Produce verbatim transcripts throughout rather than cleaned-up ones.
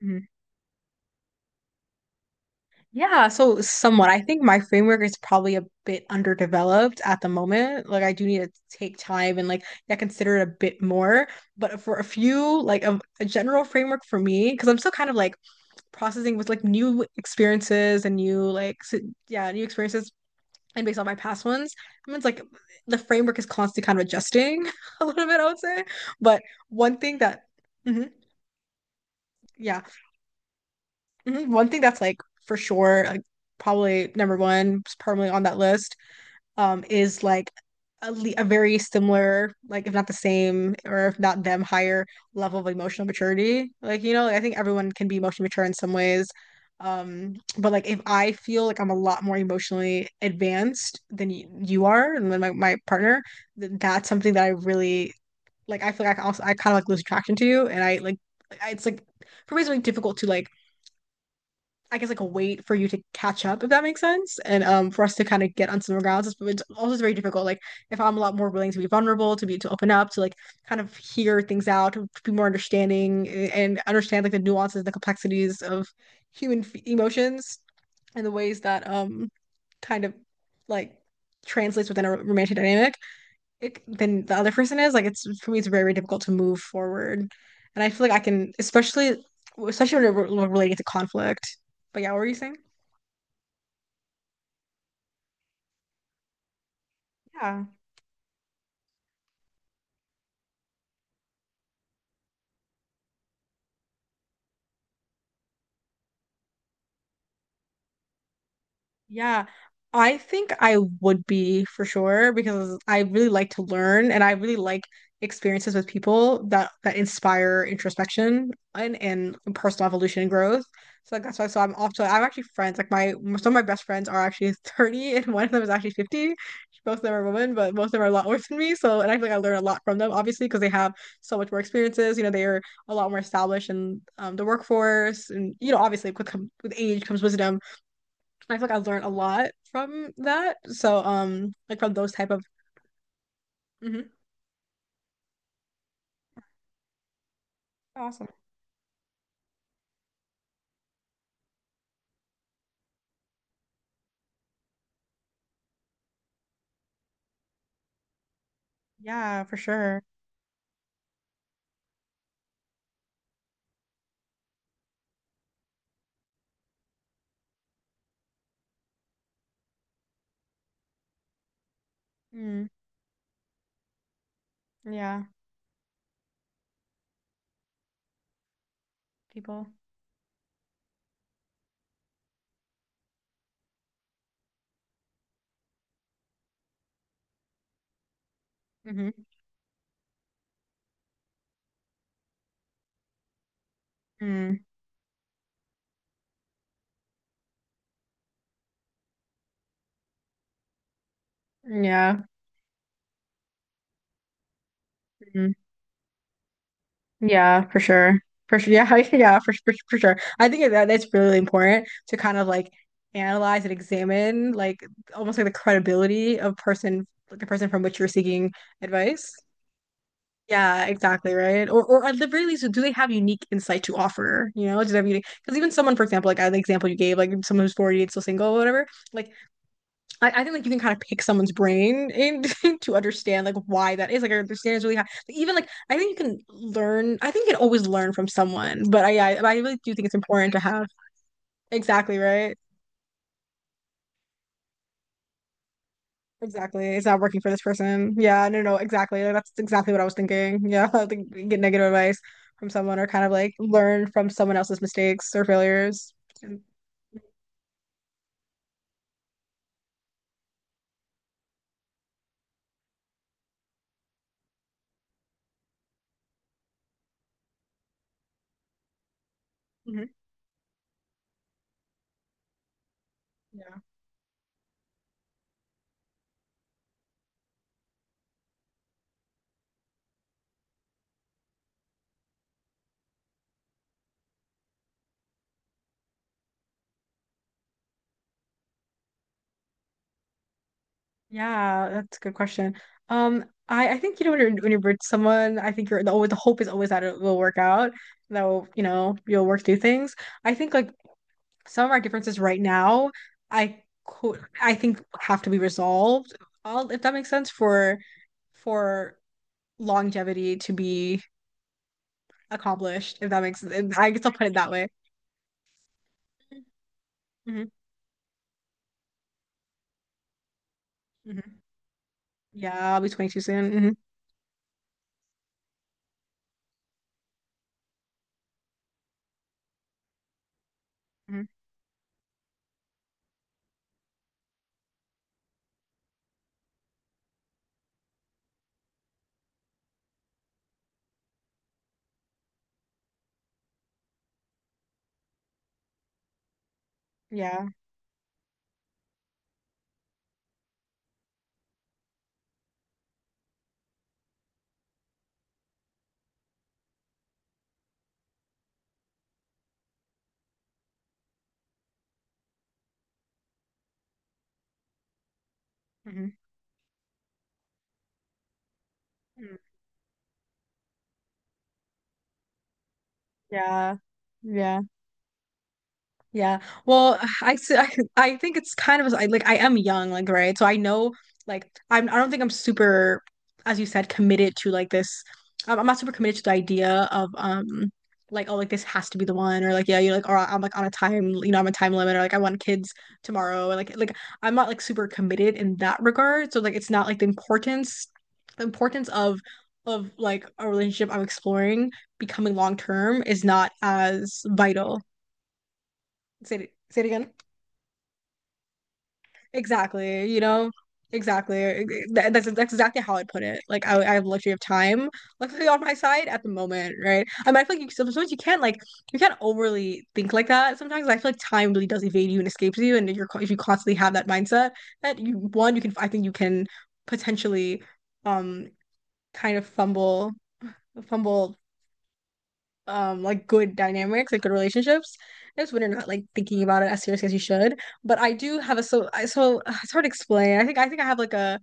Mhm. Yeah, so somewhat. I think my framework is probably a bit underdeveloped at the moment. Like I do need to take time and like yeah, consider it a bit more. But for a few, like a, a general framework for me, because I'm still kind of like processing with like new experiences and new like s- yeah, new experiences and based on my past ones. I mean, it's like the framework is constantly kind of adjusting a little bit, I would say. But one thing that, Mhm. yeah. Mhm. One thing that's like for sure, like probably number one, probably on that list, um, is like a, le a very similar, like if not the same, or if not them, higher level of emotional maturity. Like, you know, like, I think everyone can be emotionally mature in some ways. Um, but like if I feel like I'm a lot more emotionally advanced than you, you are and then my, my partner, th that's something that I really like I feel like I can also I kind of like lose attraction to you and I like I, it's like for me it's really difficult to like I guess like a wait for you to catch up, if that makes sense, and um for us to kind of get on similar grounds. It's, it's also very difficult. Like if I'm a lot more willing to be vulnerable, to be to open up, to like kind of hear things out, to be more understanding and understand like the nuances, the complexities of human f emotions and the ways that um kind of like translates within a romantic dynamic it, than the other person is. Like it's for me, it's very, very difficult to move forward, and I feel like I can, especially especially when we're relating to conflict. But yeah, what were you saying? Yeah. Yeah, I think I would be for sure because I really like to learn and I really like experiences with people that that inspire introspection and, and personal evolution and growth. So like that's why so I'm also I'm actually friends like my some of my best friends are actually thirty and one of them is actually fifty. Both of them are women, but most of them are a lot older than me. So and I feel like I learn a lot from them obviously because they have so much more experiences. You know, they are a lot more established in um, the workforce and you know obviously with, com- with age comes wisdom. I feel like I learned a lot from that. So, um, like from those type of hmm. Awesome. Yeah, for sure. Mm, yeah, people. Hmm. Mm, yeah, mm, yeah, for sure. For sure. Yeah, yeah, for, for, for sure. I think that that's really important to kind of like analyze and examine like almost like the credibility of person like the person from which you're seeking advice. Yeah, exactly, right? Or, or at the very least, do they have unique insight to offer? You know, do they have unique? Because even someone, for example, like uh, the example you gave, like someone who's forty and still single or whatever, like I, I think like you can kind of pick someone's brain and to understand like why that is. Like I understand it's really high. Even like I think you can learn. I think you can always learn from someone, but I I, I really do think it's important to have exactly right. Exactly. It's not working for this person. Yeah, no, no, no, exactly. Like, that's exactly what I was thinking. Yeah, like get negative advice from someone or kind of like learn from someone else's mistakes or failures. And- Mhm. Yeah. Yeah, that's a good question. Um, I, I think you know when you're when you're with someone, I think you're the always the hope is always that it will work out. That will, you know, you'll work through things. I think like some of our differences right now, I could I think have to be resolved. All if that makes sense for for longevity to be accomplished, if that makes sense. I guess I'll put it that way. Hmm. Hmm. Yeah, I'll be twenty-two soon. Hmm. Hmm. Yeah. Hmm. Yeah. Yeah. Yeah. Well, I, s- I I think it's kind of I like I am young, like right. So I know like I'm I don't think I'm super, as you said, committed to like this. I'm, I'm not super committed to the idea of um like oh like this has to be the one or like yeah you're like or I'm like on a time you know I'm a time limit or like I want kids tomorrow and like like I'm not like super committed in that regard. So like it's not like the importance the importance of of like a relationship I'm exploring becoming long term is not as vital. Say it say it again. Exactly, you know, exactly. Ex- that- That's that's exactly how I'd put it. Like I I have the luxury of time, luckily on my side at the moment, right? I mean, I feel like you, sometimes you can't like you can't overly think like that. Sometimes I feel like time really does evade you and escapes you, and you're co- if you constantly have that mindset that you one you can I think you can potentially um kind of fumble fumble um like good dynamics like good relationships is when you're not like thinking about it as seriously as you should but I do have a so I so it's hard to explain I think I think I have like a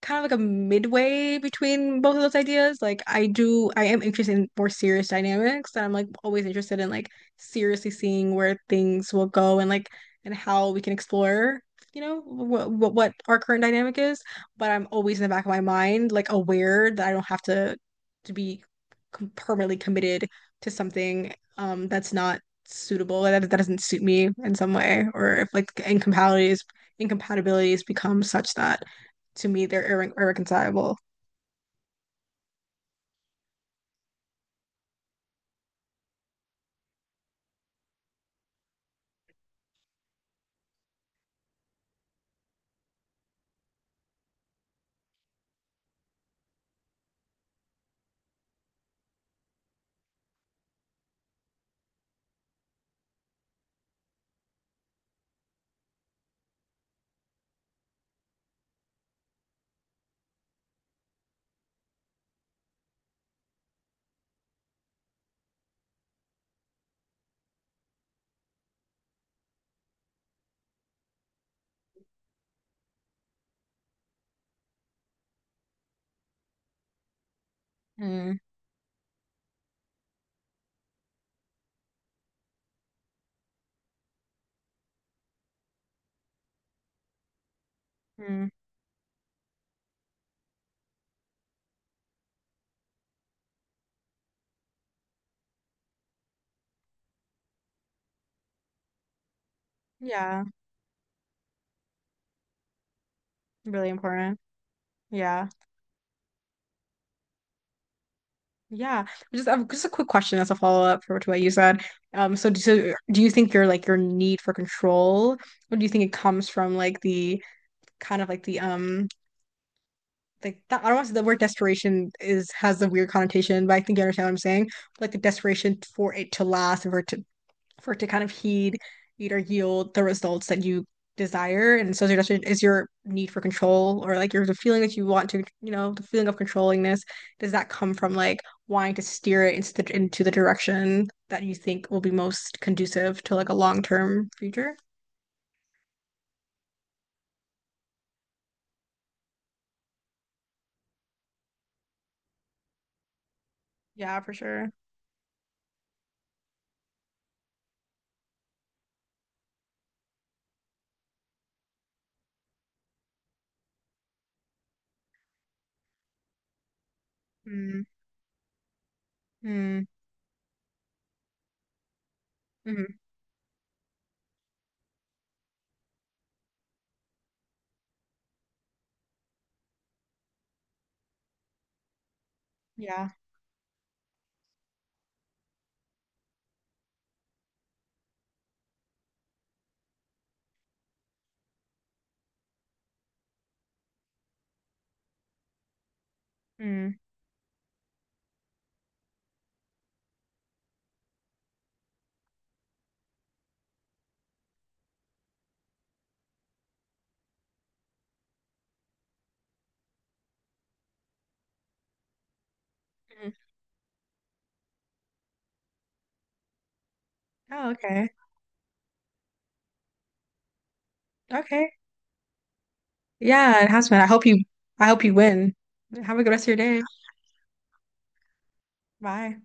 kind of like a midway between both of those ideas. Like I do, I am interested in more serious dynamics, and I'm like always interested in like seriously seeing where things will go and like and how we can explore, you know, what what what our current dynamic is. But I'm always in the back of my mind, like aware that I don't have to to be com permanently committed to something um that's not suitable that that doesn't suit me in some way, or if like incompatibilities incompatibilities become such that to me, they're irre irreconcilable. Mm, mm, yeah, really important. Yeah, yeah. Just uh, just a quick question as a follow-up for to what you said. Um, so so do you think your like your need for control, or do you think it comes from like the kind of like the um like that, I don't want to say the word desperation is has a weird connotation, but I think you understand what I'm saying. Like the desperation for it to last, and for it to, for it to kind of heed, heed or yield the results that you desire. And sociodestination is your need for control or like your the feeling that you want to, you know, the feeling of controlling this. Does that come from like wanting to steer it into the, into the direction that you think will be most conducive to like a long-term future? Yeah, for sure. Mm, mm, mm, yeah. Mm, mm. Oh, okay. Okay. Yeah, it has been. I hope you I hope you win. Have a good rest of your day. Bye.